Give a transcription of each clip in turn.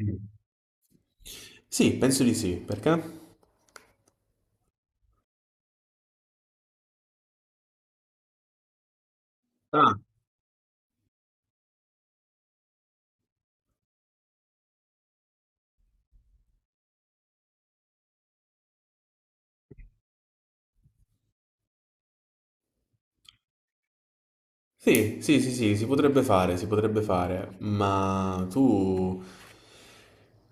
Mm. Sì, penso di sì, perché? Ah, sì, sì, sì, sì, si potrebbe fare, ma tu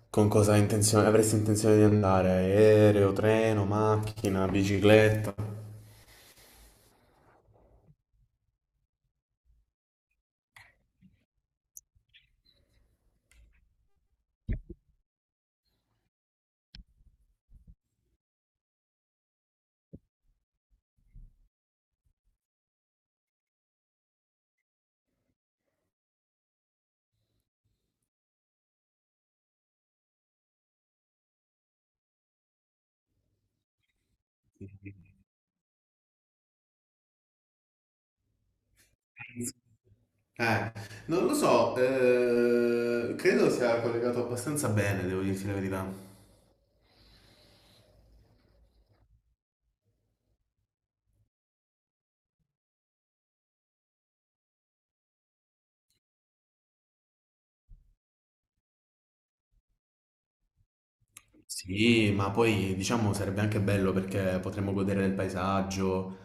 con cosa hai avresti intenzione di andare? Aereo, treno, macchina, bicicletta? Eh, non lo so, credo sia collegato abbastanza bene, devo dirti la verità. Sì, ma poi diciamo sarebbe anche bello perché potremmo godere del paesaggio,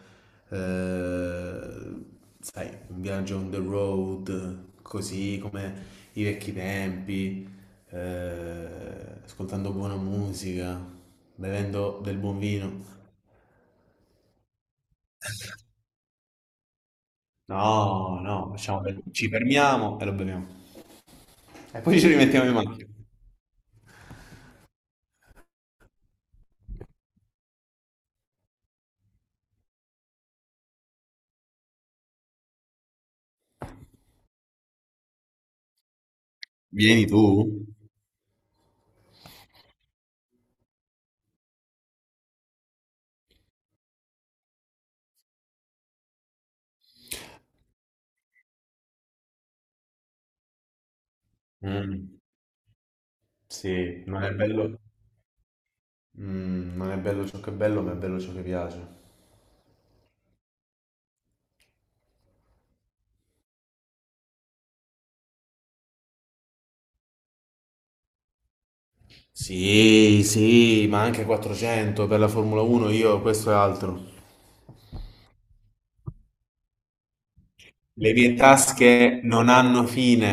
eh, sai, un viaggio on the road, così come i vecchi tempi, ascoltando buona musica, bevendo del buon vino. No, no, ci fermiamo e lo beviamo. E poi ci rimettiamo in macchina. Vieni tu? Mm, sì, non è bello. Non è bello ciò che è bello, ma è bello ciò che piace. Sì, sì, ma anche 400 per la Formula 1, io questo e altro. Le mie tasche non hanno fine.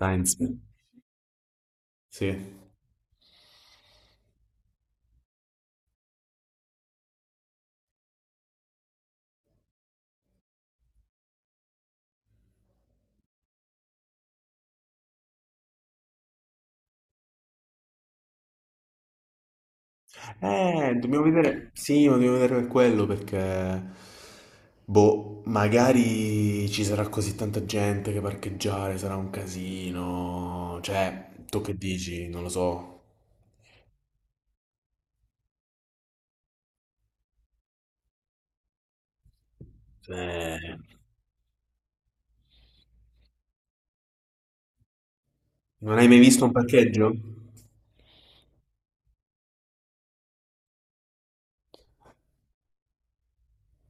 Sainz. Sì. Dobbiamo vedere. Sì, ma dobbiamo vedere per quello perché. Boh, magari ci sarà così tanta gente che parcheggiare sarà un casino. Cioè, tu che dici? Non lo so. Eh, non hai mai visto un parcheggio?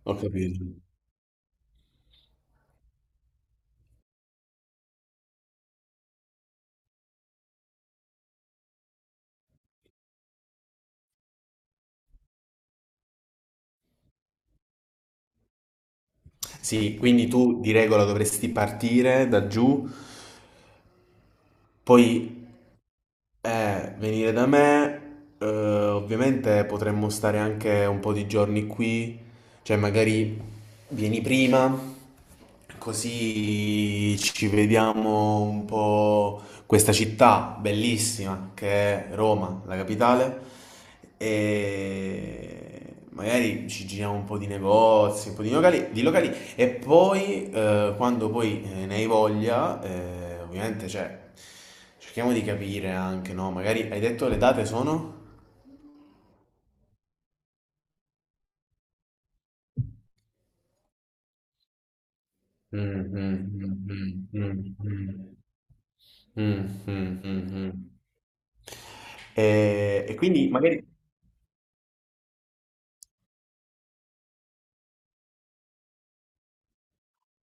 Ho capito. Sì, quindi tu di regola dovresti partire da giù, poi venire da me, ovviamente potremmo stare anche un po' di giorni qui, cioè magari vieni prima, così ci vediamo un po' questa città bellissima che è Roma, la capitale, e magari ci giriamo un po' di negozi, un po' di locali e poi, quando poi ne hai voglia, ovviamente, cioè, cerchiamo di capire anche, no? Magari hai detto le date sono? Mm, mm, mm, mm, mm, mm, mm, mm, mm. E quindi magari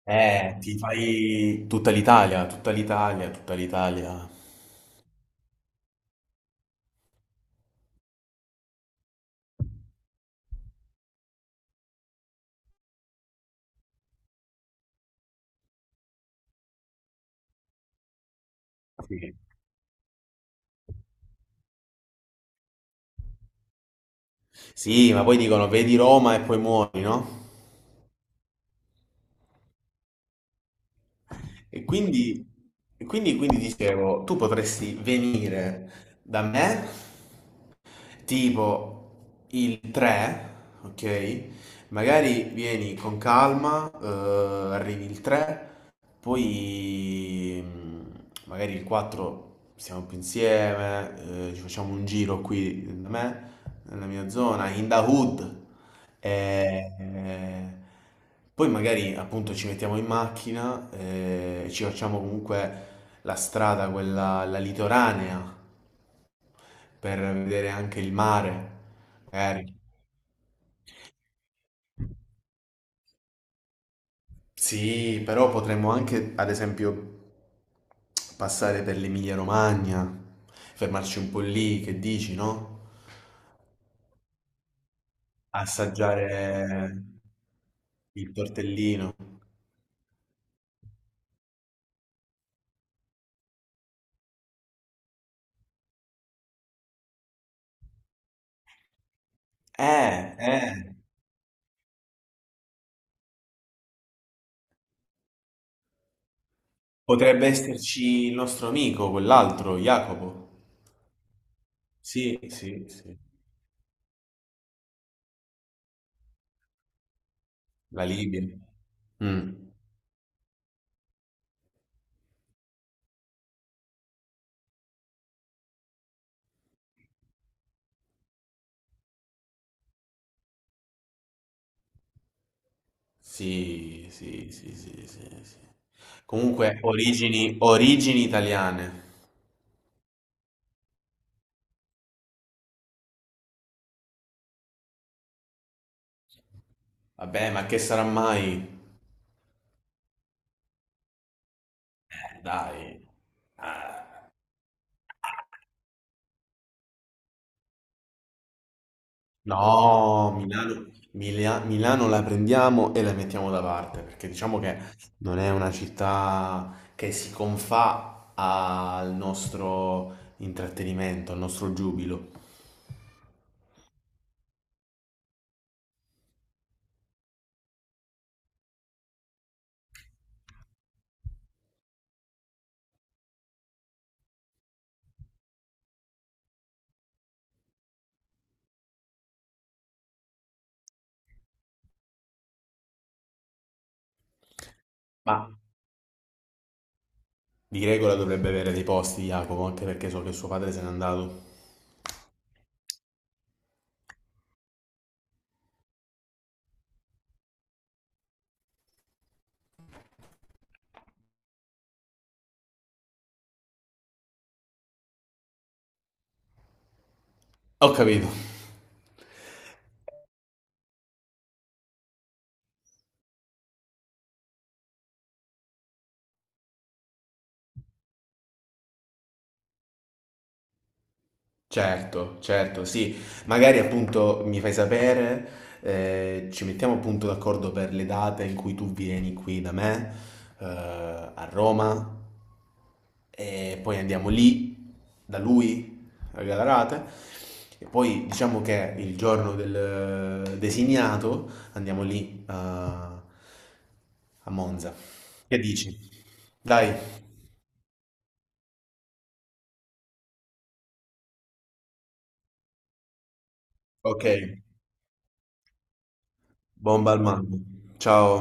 ti fai tutta l'Italia, tutta l'Italia, tutta l'Italia. Sì. Sì, ma poi dicono vedi Roma e poi muori, no? E quindi, quindi dicevo, tu potresti venire da me tipo il 3, ok? Magari vieni con calma, arrivi il 3, poi magari il 4 stiamo più insieme, ci facciamo un giro qui da me, nella mia zona, in the hood. E, eh, Poi magari appunto ci mettiamo in macchina e ci facciamo comunque la strada, quella, la litoranea, per vedere anche il mare, magari. Sì, però potremmo anche, ad esempio, passare per l'Emilia-Romagna, fermarci un po' lì, che dici, no? Assaggiare il tortellino. Eh, eh, Potrebbe esserci il nostro amico, quell'altro, Jacopo. Sì, sì, sì. La Libia. Mm. Sì, sì, sì, sì, sì, sì. Comunque, origini, origini italiane. Vabbè, ma che sarà mai? Dai. Ah. No, Milano, Milano la prendiamo e la mettiamo da parte, perché diciamo che non è una città che si confà al nostro intrattenimento, al nostro giubilo. Ma di regola dovrebbe avere dei posti, Jacopo, anche perché so che suo padre se n'è andato. Ho capito. Certo, certo, sì. Magari appunto mi fai sapere, ci mettiamo appunto d'accordo per le date in cui tu vieni qui da me, a Roma, e poi andiamo lì, da lui, a Galarate, e poi diciamo che il giorno del designato andiamo lì a Monza. Che dici? Dai, ok, bomba al mare. Ciao.